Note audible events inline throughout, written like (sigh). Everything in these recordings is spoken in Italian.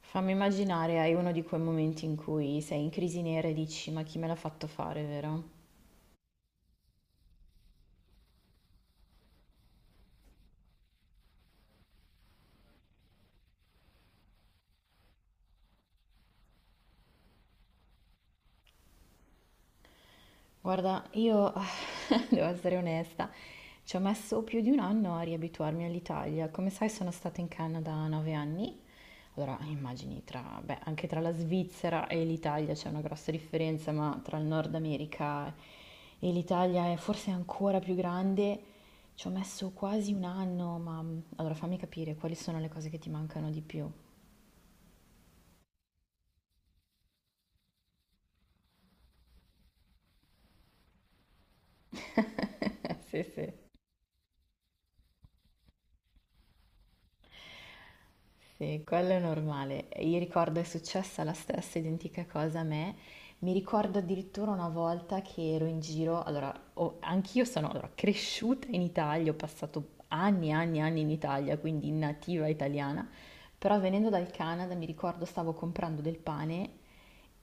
Fammi immaginare, hai uno di quei momenti in cui sei in crisi nera e dici, ma chi me l'ha fatto fare, vero? Guarda, io (laughs) devo essere onesta, ci ho messo più di un anno a riabituarmi all'Italia. Come sai, sono stata in Canada 9 anni. Allora, immagini, beh, anche tra la Svizzera e l'Italia c'è una grossa differenza, ma tra il Nord America e l'Italia è forse ancora più grande. Ci ho messo quasi un anno, ma allora fammi capire quali sono le cose che ti mancano di più. (laughs) Sì, sì, sì, quello è normale. Io ricordo è successa la stessa identica cosa a me. Mi ricordo addirittura una volta che ero in giro, allora, anch'io sono allora, cresciuta in Italia, ho passato anni e anni e anni in Italia, quindi nativa italiana, però venendo dal Canada mi ricordo stavo comprando del pane.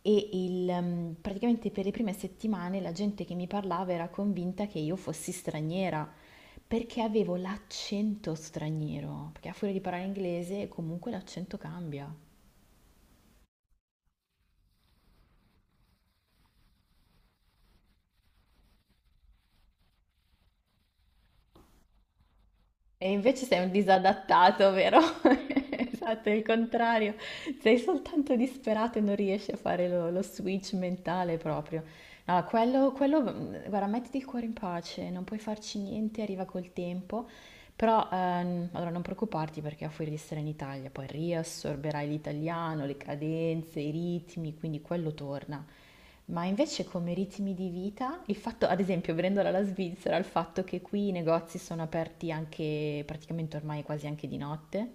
Praticamente per le prime settimane la gente che mi parlava era convinta che io fossi straniera, perché avevo l'accento straniero, perché a furia di parlare inglese comunque l'accento cambia. E invece sei un disadattato, vero? (laughs) Esatto, è il contrario. Sei soltanto disperato e non riesci a fare lo switch mentale proprio. No, quello, guarda, mettiti il cuore in pace, non puoi farci niente, arriva col tempo. Però, allora non preoccuparti perché a furia di stare in Italia poi riassorberai l'italiano, le cadenze, i ritmi, quindi quello torna. Ma invece come ritmi di vita, il fatto, ad esempio, venendola dalla Svizzera, il fatto che qui i negozi sono aperti anche praticamente ormai quasi anche di notte.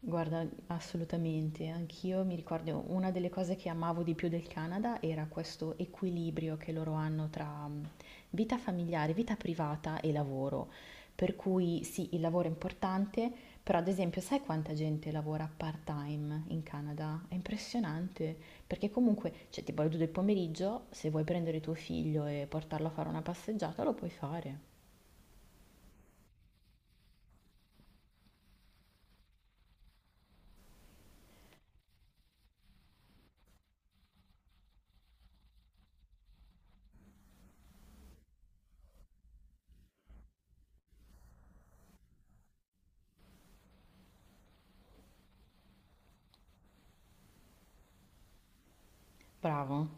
Guarda, assolutamente, anch'io mi ricordo una delle cose che amavo di più del Canada era questo equilibrio che loro hanno tra vita familiare, vita privata e lavoro. Per cui sì, il lavoro è importante, però ad esempio sai quanta gente lavora part-time in Canada? È impressionante, perché comunque, cioè tipo alle 2 del pomeriggio, se vuoi prendere tuo figlio e portarlo a fare una passeggiata, lo puoi fare. Bravo.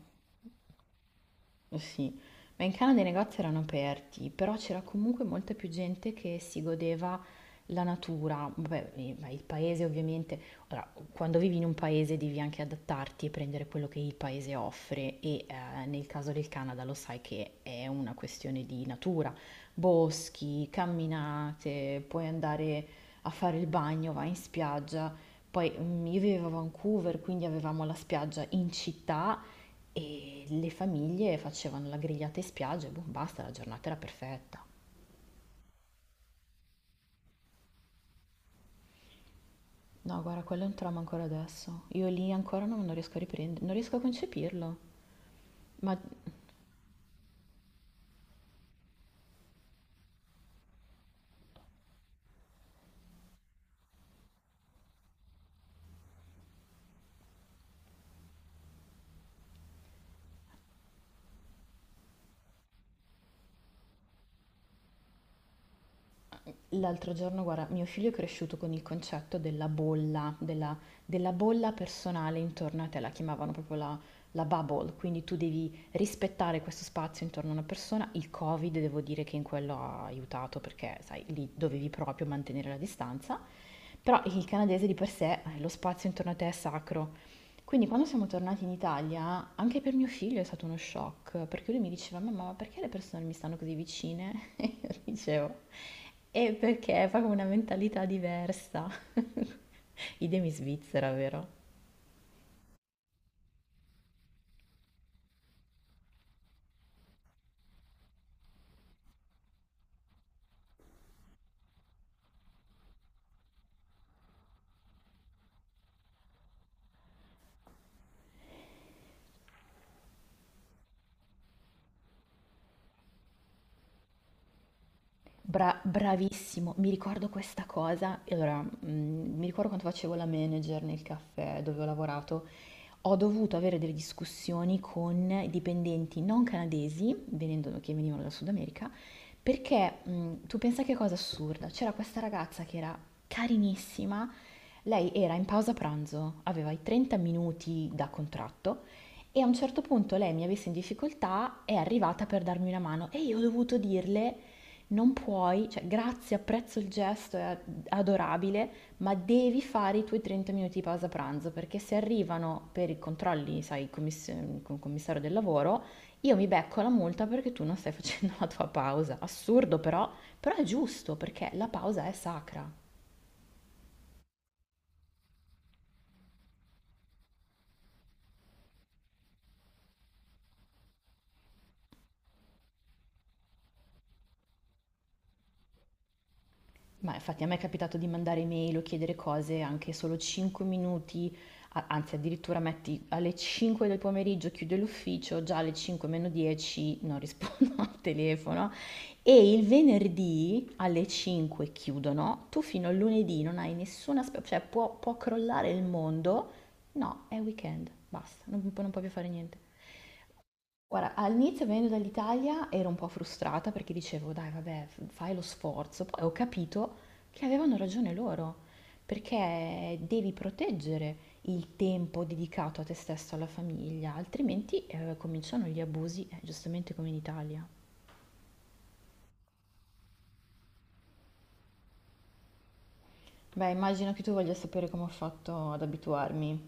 Eh sì, ma in Canada i negozi erano aperti, però c'era comunque molta più gente che si godeva la natura. Vabbè, ma il paese ovviamente, ora, quando vivi in un paese devi anche adattarti e prendere quello che il paese offre e nel caso del Canada lo sai che è una questione di natura, boschi, camminate, puoi andare a fare il bagno, vai in spiaggia. Poi io vivevo a Vancouver, quindi avevamo la spiaggia in città e le famiglie facevano la grigliata in spiaggia e boh, basta, la giornata era perfetta. No, guarda, quello è un trauma ancora adesso. Io lì ancora non riesco a riprendere, non riesco a concepirlo. Ma l'altro giorno, guarda, mio figlio è cresciuto con il concetto della bolla, della bolla personale intorno a te, la chiamavano proprio la bubble, quindi tu devi rispettare questo spazio intorno a una persona. Il Covid devo dire che in quello ha aiutato perché, sai, lì dovevi proprio mantenere la distanza, però il canadese di per sé, lo spazio intorno a te è sacro, quindi quando siamo tornati in Italia, anche per mio figlio è stato uno shock, perché lui mi diceva, mamma, ma perché le persone mi stanno così vicine? (laughs) E io dicevo, e perché è proprio una mentalità diversa. (laughs) Idem in Svizzera, vero? Bravissimo, mi ricordo questa cosa. E allora, mi ricordo quando facevo la manager nel caffè dove ho lavorato. Ho dovuto avere delle discussioni con i dipendenti non canadesi, che venivano dal Sud America, perché tu pensa che cosa assurda, c'era questa ragazza che era carinissima, lei era in pausa pranzo, aveva i 30 minuti da contratto e a un certo punto lei mi ha visto in difficoltà, è arrivata per darmi una mano e io ho dovuto dirle non puoi, cioè grazie, apprezzo il gesto, è adorabile, ma devi fare i tuoi 30 minuti di pausa pranzo perché se arrivano per i controlli, sai, con il commissario del lavoro, io mi becco la multa perché tu non stai (laughs) facendo la tua pausa. Assurdo però, è giusto perché la pausa è sacra. Ma infatti a me è capitato di mandare email o chiedere cose anche solo 5 minuti, anzi addirittura metti alle 5 del pomeriggio chiudo l'ufficio, già alle 5 meno 10 non rispondo (laughs) al telefono e il venerdì alle 5 chiudono, tu fino al lunedì non hai nessuna, cioè può crollare il mondo, no, è weekend, basta, non puoi più fare niente. Guarda, all'inizio venendo dall'Italia ero un po' frustrata perché dicevo: "Dai, vabbè, f fai lo sforzo". Poi ho capito che avevano ragione loro, perché devi proteggere il tempo dedicato a te stesso, alla famiglia, altrimenti, cominciano gli abusi, giustamente come in Italia. Beh, immagino che tu voglia sapere come ho fatto ad abituarmi.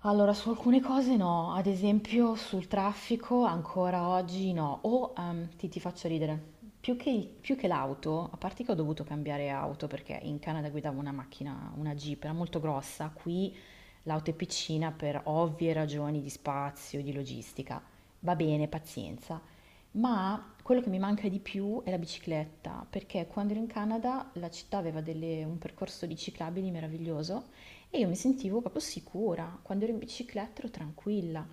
Allora, su alcune cose no, ad esempio sul traffico ancora oggi no, o ti faccio ridere, più che, più che l'auto, a parte che ho dovuto cambiare auto perché in Canada guidavo una macchina, una Jeep, era molto grossa, qui l'auto è piccina per ovvie ragioni di spazio, di logistica, va bene, pazienza, ma quello che mi manca di più è la bicicletta, perché quando ero in Canada la città aveva un percorso di ciclabili meraviglioso e io mi sentivo proprio sicura, quando ero in bicicletta ero tranquilla.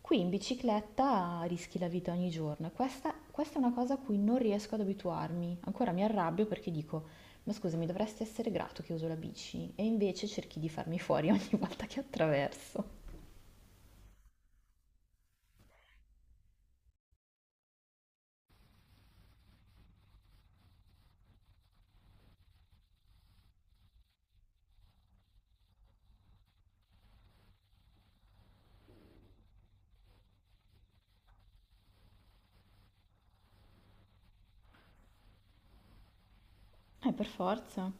Qui in bicicletta rischi la vita ogni giorno. Questa è una cosa a cui non riesco ad abituarmi. Ancora mi arrabbio perché dico, ma scusami, dovresti essere grato che uso la bici. E invece cerchi di farmi fuori (laughs) ogni volta che attraverso. Per forza.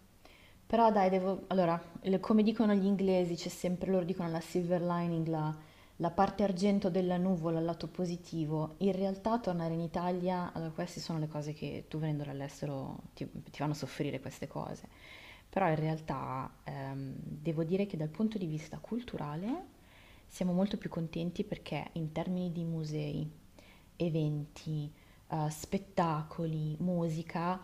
Però dai, devo. Allora, come dicono gli inglesi, c'è sempre, loro dicono la silver lining, la parte argento della nuvola, il lato positivo. In realtà tornare in Italia, allora queste sono le cose che tu venendo dall'estero ti fanno soffrire queste cose. Però in realtà devo dire che dal punto di vista culturale siamo molto più contenti perché in termini di musei, eventi, spettacoli, musica.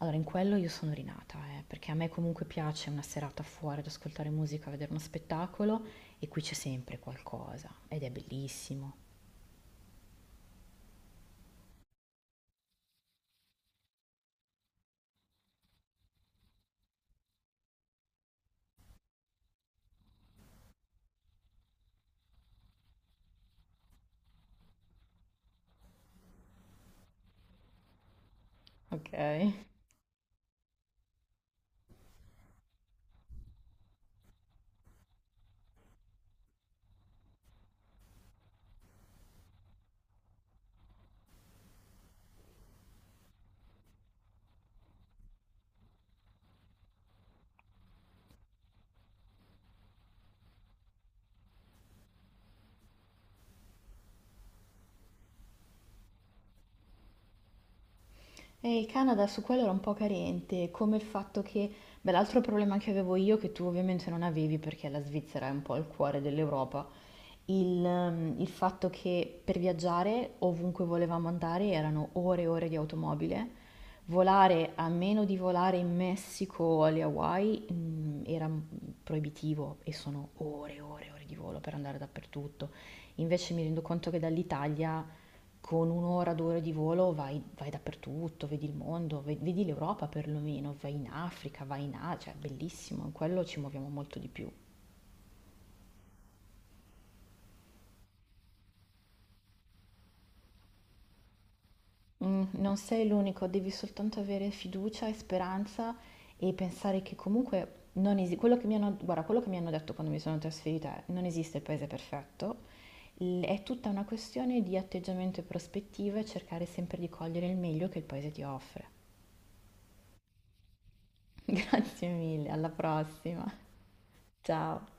Allora, in quello io sono rinata, perché a me comunque piace una serata fuori ad ascoltare musica, vedere uno spettacolo e qui c'è sempre qualcosa ed è bellissimo. Ok. E il Canada su quello era un po' carente, come il fatto che, beh, l'altro problema che avevo io, che tu ovviamente non avevi perché la Svizzera è un po' il cuore dell'Europa, il fatto che per viaggiare ovunque volevamo andare erano ore e ore di automobile, volare a meno di volare in Messico o alle Hawaii era proibitivo e sono ore e ore e ore di volo per andare dappertutto. Invece mi rendo conto che dall'Italia con un'ora, 2 ore di volo vai dappertutto, vedi il mondo, vedi l'Europa perlomeno, vai in Africa, vai in Asia, cioè è bellissimo, in quello ci muoviamo molto di più. Non sei l'unico, devi soltanto avere fiducia e speranza e pensare che comunque non esi quello che mi hanno guarda, quello che mi hanno detto quando mi sono trasferita è: "Non esiste il paese perfetto", l è tutta una questione di atteggiamento e prospettiva e cercare sempre di cogliere il meglio che il paese ti offre. (laughs) Grazie mille, alla prossima. Ciao.